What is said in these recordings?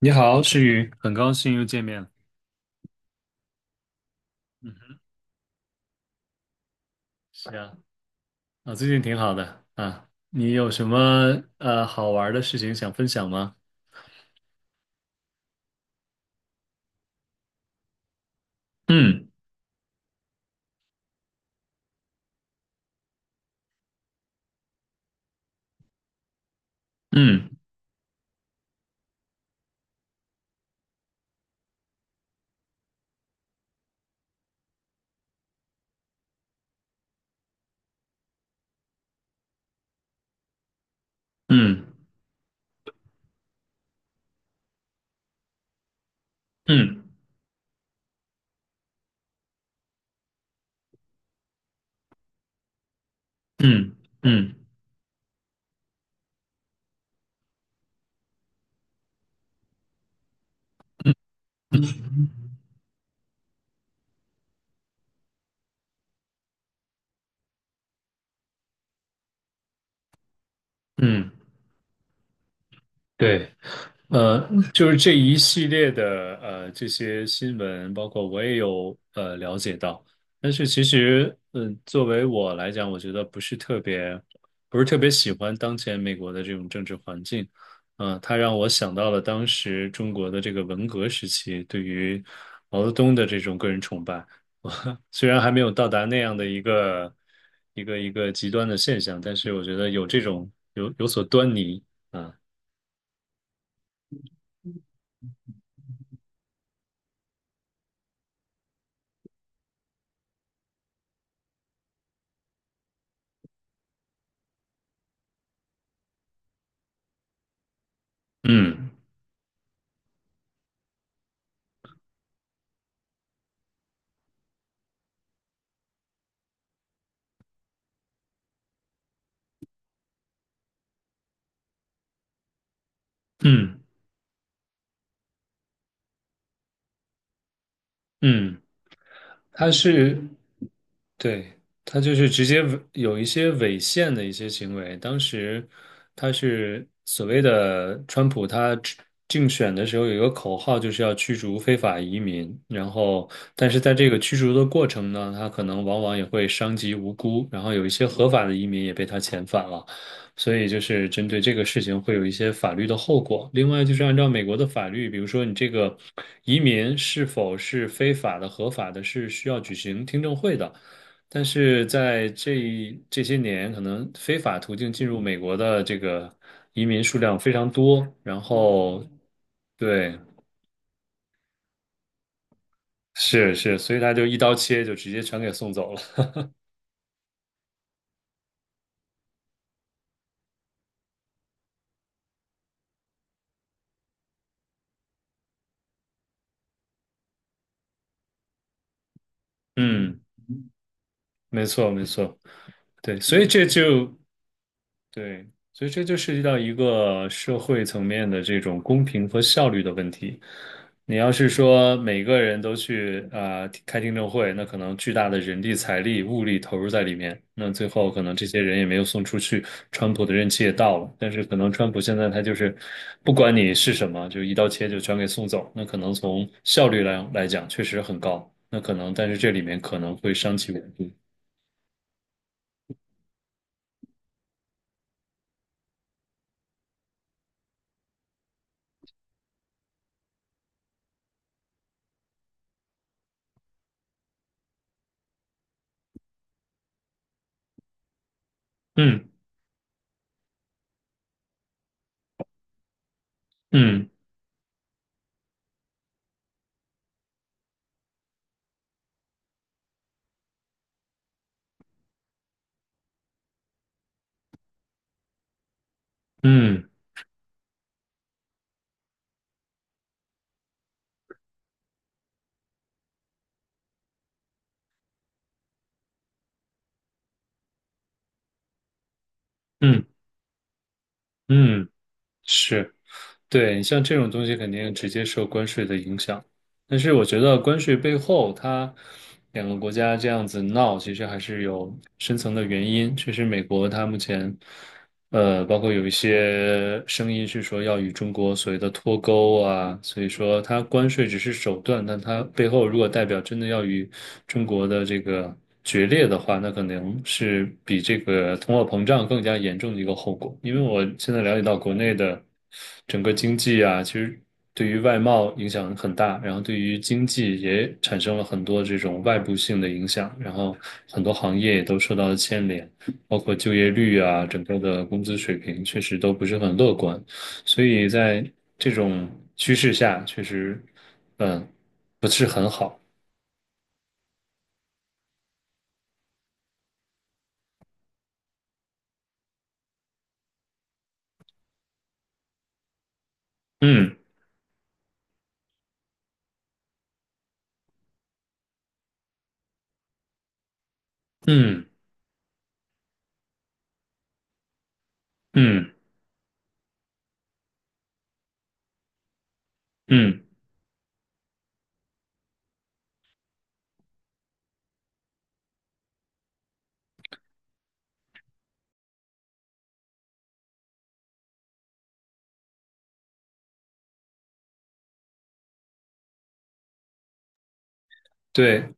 你好，诗雨，很高兴又见面了。嗯哼，是啊，啊，最近挺好的啊。你有什么好玩儿的事情想分享吗？嗯嗯嗯嗯嗯嗯嗯，对。就是这一系列的这些新闻，包括我也有了解到，但是其实，嗯、作为我来讲，我觉得不是特别，不是特别喜欢当前美国的这种政治环境。嗯、它让我想到了当时中国的这个文革时期对于毛泽东的这种个人崇拜，我虽然还没有到达那样的一个一个极端的现象，但是我觉得有这种有所端倪啊，嗯嗯。嗯，它是，对，他就是直接违有一些违宪的一些行为。当时他是所谓的川普，他竞选的时候有一个口号，就是要驱逐非法移民。然后，但是在这个驱逐的过程呢，他可能往往也会伤及无辜，然后有一些合法的移民也被他遣返了。所以就是针对这个事情会有一些法律的后果。另外就是按照美国的法律，比如说你这个移民是否是非法的、合法的，是需要举行听证会的。但是在这些年，可能非法途径进入美国的这个移民数量非常多，然后对，是是，所以他就一刀切，就直接全给送走了。嗯，没错没错，对，所以这就对，所以这就涉及到一个社会层面的这种公平和效率的问题。你要是说每个人都去啊、开听证会，那可能巨大的人力、财力、物力投入在里面，那最后可能这些人也没有送出去，川普的任期也到了，但是可能川普现在他就是不管你是什么，就一刀切就全给送走，那可能从效率来讲确实很高，那可能但是这里面可能会伤其稳定。嗯嗯嗯嗯嗯，是。对，你像这种东西肯定直接受关税的影响，但是我觉得关税背后，它两个国家这样子闹，其实还是有深层的原因。确实，美国它目前。呃，包括有一些声音是说要与中国所谓的脱钩啊，所以说它关税只是手段，但它背后如果代表真的要与中国的这个决裂的话，那可能是比这个通货膨胀更加严重的一个后果。因为我现在了解到国内的整个经济啊，其实对于外贸影响很大，然后对于经济也产生了很多这种外部性的影响，然后很多行业也都受到了牵连。包括就业率啊，整个的工资水平确实都不是很乐观，所以在这种趋势下，确实，嗯，不是很好。嗯嗯嗯嗯，对。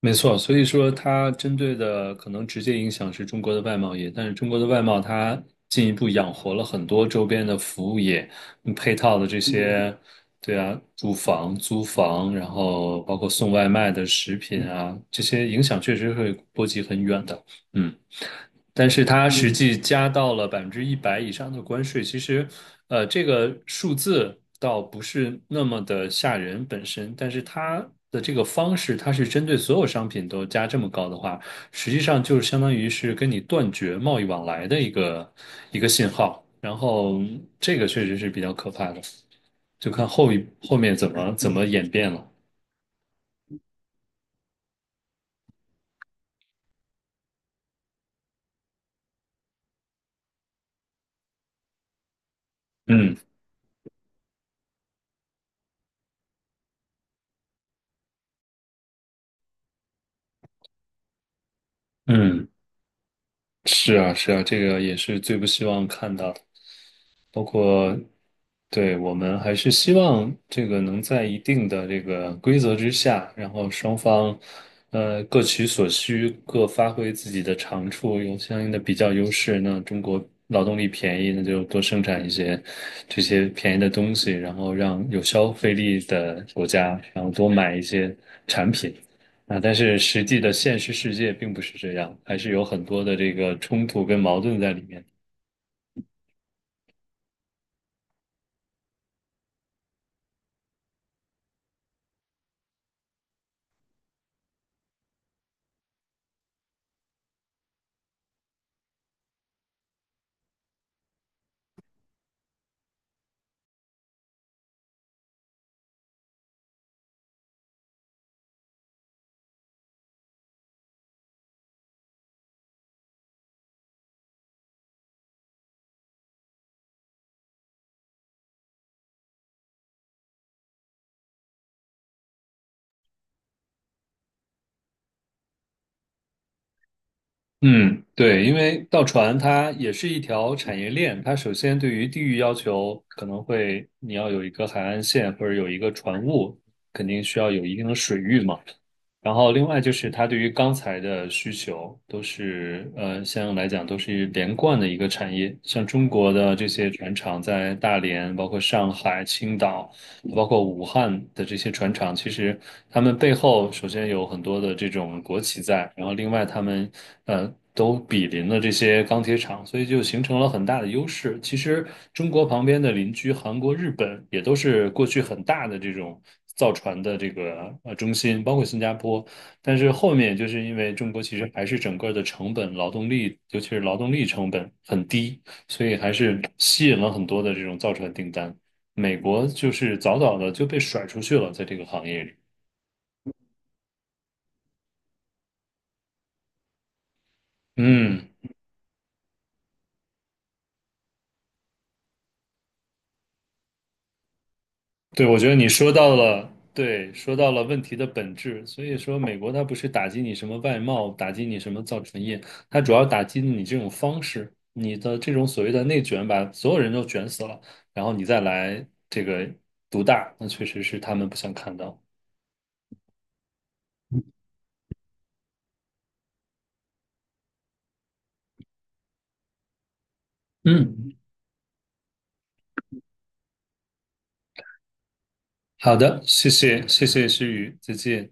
没错，所以说它针对的可能直接影响是中国的外贸业，但是中国的外贸它进一步养活了很多周边的服务业，嗯配套的这些，对啊，住房、租房，然后包括送外卖的食品啊，这些影响确实会波及很远的。嗯。但是它实际加到了100%以上的关税，其实，呃，这个数字倒不是那么的吓人本身，但是它的这个方式，它是针对所有商品都加这么高的话，实际上就是相当于是跟你断绝贸易往来的一个信号，然后这个确实是比较可怕的，就看后面怎么演变了。嗯嗯，是啊是啊，这个也是最不希望看到的。包括对我们还是希望这个能在一定的这个规则之下，然后双方各取所需，各发挥自己的长处，有相应的比较优势。那中国劳动力便宜，那就多生产一些这些便宜的东西，然后让有消费力的国家，然后多买一些产品。啊，但是实际的现实世界并不是这样，还是有很多的这个冲突跟矛盾在里面。嗯，对，因为造船它也是一条产业链，它首先对于地域要求可能会，你要有一个海岸线或者有一个船坞，肯定需要有一定的水域嘛。然后另外就是它对于钢材的需求都是，呃，相应来讲都是连贯的一个产业。像中国的这些船厂在大连、包括上海、青岛。包括武汉的这些船厂，其实他们背后首先有很多的这种国企在，然后另外他们都比邻了这些钢铁厂，所以就形成了很大的优势。其实中国旁边的邻居韩国、日本也都是过去很大的这种造船的这个中心，包括新加坡。但是后面就是因为中国其实还是整个的成本、劳动力，尤其是劳动力成本很低，所以还是吸引了很多的这种造船订单。美国就是早早的就被甩出去了，在这个行业里。嗯，对，我觉得你说到了，对，说到了问题的本质。所以说，美国它不是打击你什么外贸，打击你什么造船业，它主要打击你这种方式，你的这种所谓的内卷，把所有人都卷死了，然后你再来这个独大，那确实是他们不想看到。嗯，好的，谢谢，谢谢诗雨，再见。